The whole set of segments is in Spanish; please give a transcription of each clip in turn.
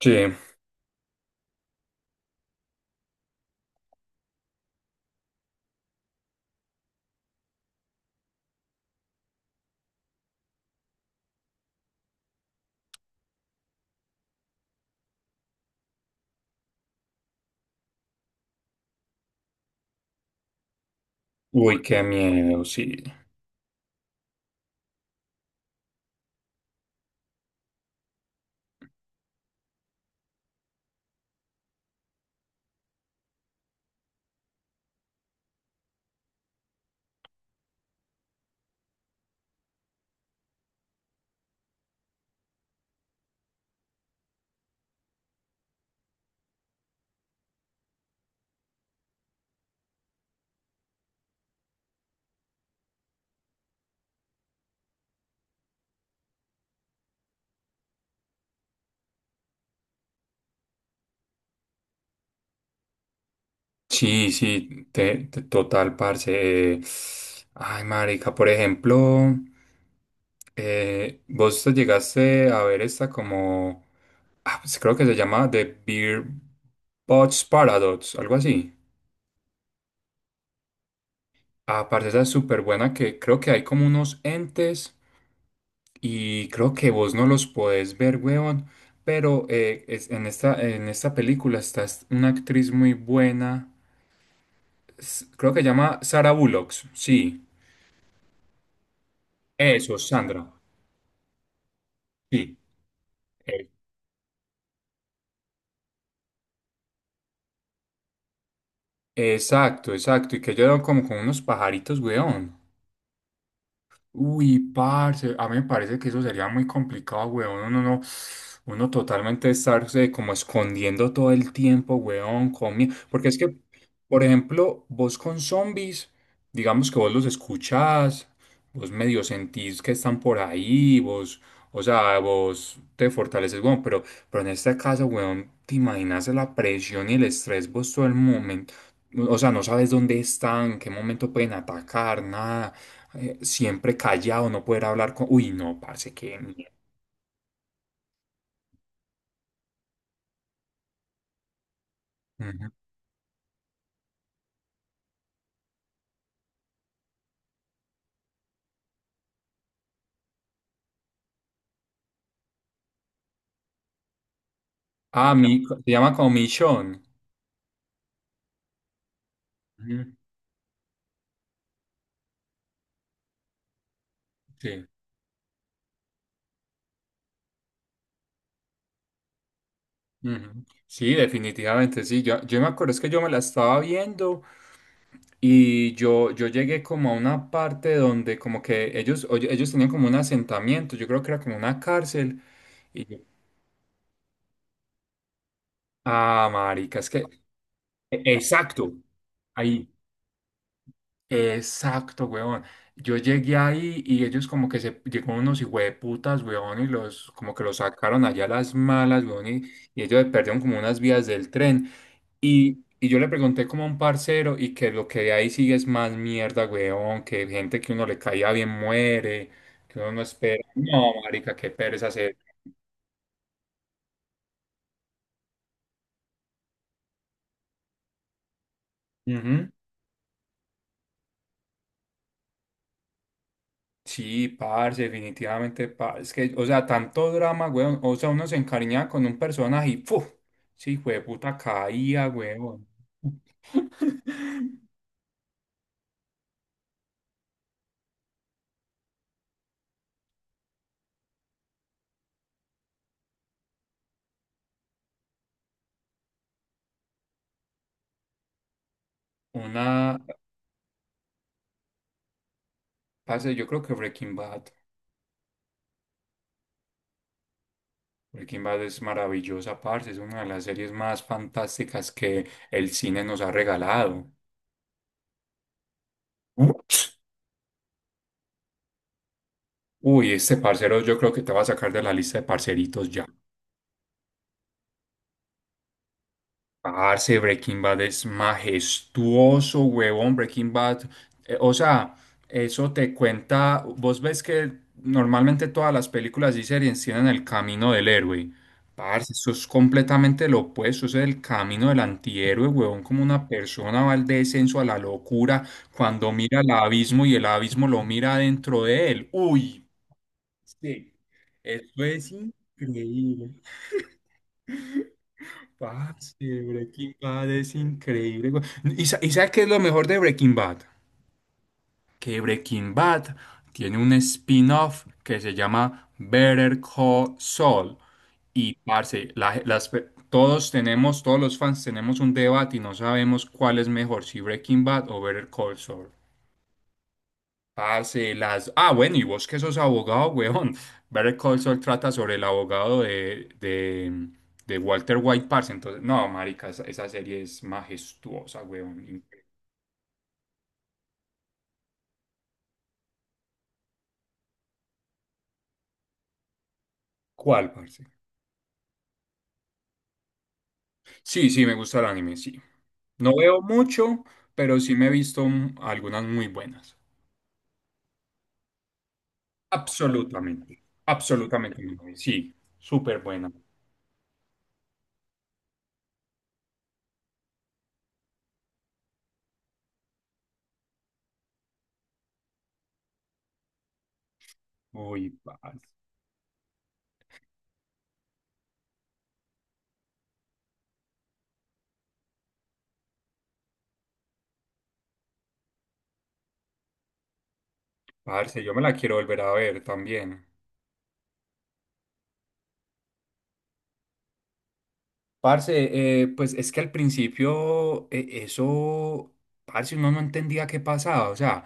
Sí, uy, qué miedo, sí. Sí, sí, total, parce. Ay, marica, por ejemplo, vos te llegaste a ver esta como, ah, pues creo que se llama The Beer Bots Paradox, algo así. Ah, parce, esa es súper buena, que creo que hay como unos entes y creo que vos no los podés ver, weón. Pero en esta película está una actriz muy buena. Creo que se llama Sara Bullock, sí. Eso, Sandra. Sí. Eh, Exacto, exacto. Y que yo como con unos pajaritos, weón. Uy, parce, a mí me parece que eso sería muy complicado, weón. Uno no, uno totalmente estarse como escondiendo todo el tiempo, weón, porque es que, por ejemplo, vos con zombies, digamos que vos los escuchás, vos medio sentís que están por ahí, o sea, vos te fortaleces, weón, pero en este caso, weón, te imaginas la presión y el estrés vos todo el momento. O sea, no sabes dónde están, en qué momento pueden atacar, nada. Siempre callado, no poder hablar con... Uy, no, parce, qué miedo. Ujú. Ah, mi... se llama como... Ujú. Sí. Ujú. Sí, definitivamente, sí. Yo me acuerdo es que yo me la estaba viendo y yo llegué como a una parte donde como que ellos, oye, ellos tenían como un asentamiento. Yo creo que era como una cárcel. Y yo, ah, marica, es que... Exacto. Ahí. Exacto, weón. Yo llegué ahí y ellos como que se llegó unos hijueputas, weón, y los como que los sacaron allá a las malas, weón, y ellos perdieron como unas vías del tren. Y yo le pregunté como a un parcero, y que lo que de ahí sigue es más mierda, weón, que gente que uno le caía bien muere, que uno no espera. No, marica, qué pereza hacer. Sí, parce, definitivamente, parce. Es que, o sea, tanto drama, weón. O sea, uno se encariñaba con un personaje y ¡puf! Sí, puta caía, weón. Una, parce, yo creo que Breaking Bad. Breaking Bad es maravillosa, parce. Es una de las series más fantásticas que el cine nos ha regalado. Ups. Uy, este parcero yo creo que te va a sacar de la lista de parceritos ya. Parce, Breaking Bad es majestuoso, huevón. Breaking Bad, o sea, eso te cuenta. Vos ves que normalmente todas las películas y series tienen el camino del héroe. Parce, eso es completamente lo opuesto. Eso es el camino del antihéroe, huevón. Como una persona va al descenso, a la locura, cuando mira al abismo y el abismo lo mira dentro de él. Uy, sí, eso es increíble. Parce, Breaking Bad es increíble, güey. ¿Y y sabes qué es lo mejor de Breaking Bad? Que Breaking Bad tiene un spin-off que se llama Better Call Saul. Y, parce, la ge- las pe- todos tenemos, todos los fans tenemos un debate y no sabemos cuál es mejor, si Breaking Bad o Better Call Saul. Parce, las... Ah, bueno, y vos que sos abogado, weón. Better Call Saul trata sobre el abogado de Walter White, parce. Entonces, no, marica, esa serie es majestuosa, weón. ¿Cuál, parce? Sí, sí, me gusta el anime, sí. No veo mucho, pero sí me he visto algunas muy buenas. Absolutamente, absolutamente, sí, súper buena. Uy, parce, parce, yo me la quiero volver a ver también. Parce, pues es que al principio parce, uno no entendía qué pasaba, o sea,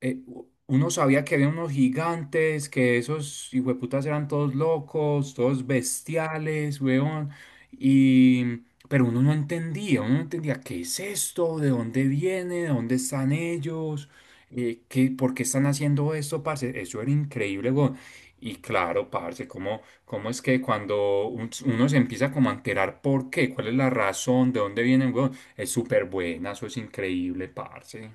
uno sabía que había unos gigantes, que esos hijueputas eran todos locos, todos bestiales, weón. Y, pero uno no entendía qué es esto, de dónde viene, de dónde están ellos, por qué están haciendo esto, parce. Eso era increíble, weón. Y claro, parce, ¿ cómo es que cuando uno se empieza como a enterar por qué, cuál es la razón, de dónde vienen, weón? Es súper buena, eso es increíble, parce.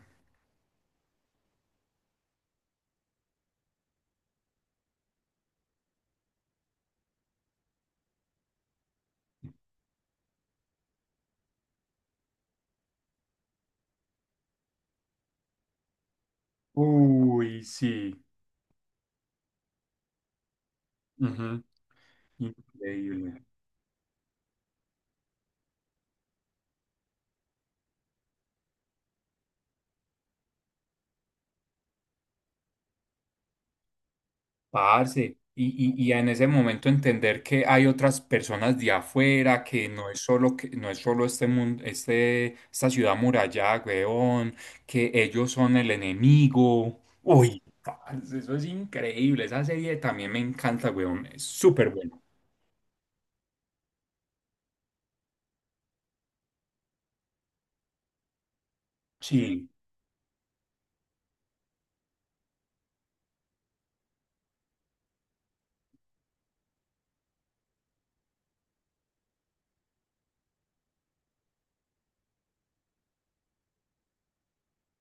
Uy, sí. Ujú. Increíble. Parce, y en ese momento entender que hay otras personas de afuera, que no es solo que, no es solo este mundo, esta ciudad muralla, weón, que ellos son el enemigo. Uy, parce, eso es increíble. Esa serie también me encanta, weón. Es súper bueno. Sí.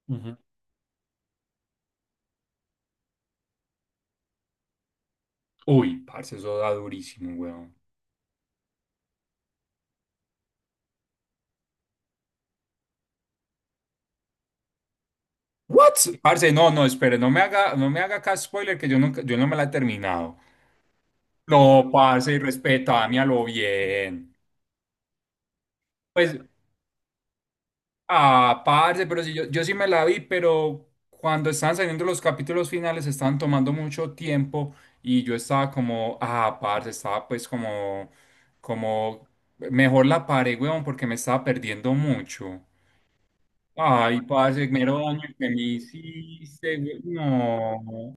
Ujú. Uy, parce, eso da durísimo, weón. What? Parce, no, no, espere, no me haga acá spoiler, que yo nunca, yo no me la he terminado. No, parce, respetame a lo bien. Pues, ah, parce, pero si yo, yo sí me la vi, pero cuando estaban saliendo los capítulos finales estaban tomando mucho tiempo y yo estaba como, ah, parce, estaba pues como, como, mejor la paré, weón, porque me estaba perdiendo mucho. Ay, parce, mero daño que me hiciste, weón. No.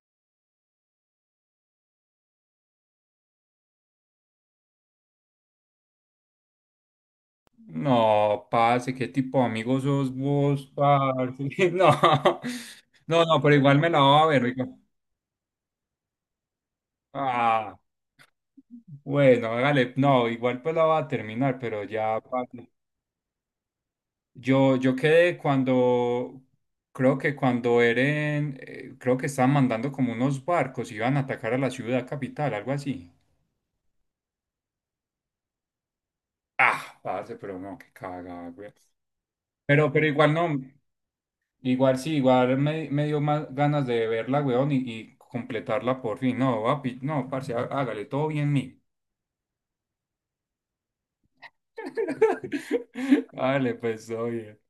No, parce, qué tipo de amigo sos vos, parce. No, no, pero igual me la va a ver, oiga. Ah, bueno, hágale. No, igual pues la va a terminar, pero ya, parce. Yo quedé cuando, creo que cuando Eren, creo que estaban mandando como unos barcos, iban a atacar a la ciudad capital, algo así. Ah, parce, pero no, qué caga, güey. Pero igual no. Igual sí, me dio más ganas de verla, weón, y completarla por fin. No, papi, no, parce, hágale, todo bien mí. Hágale pues, oye.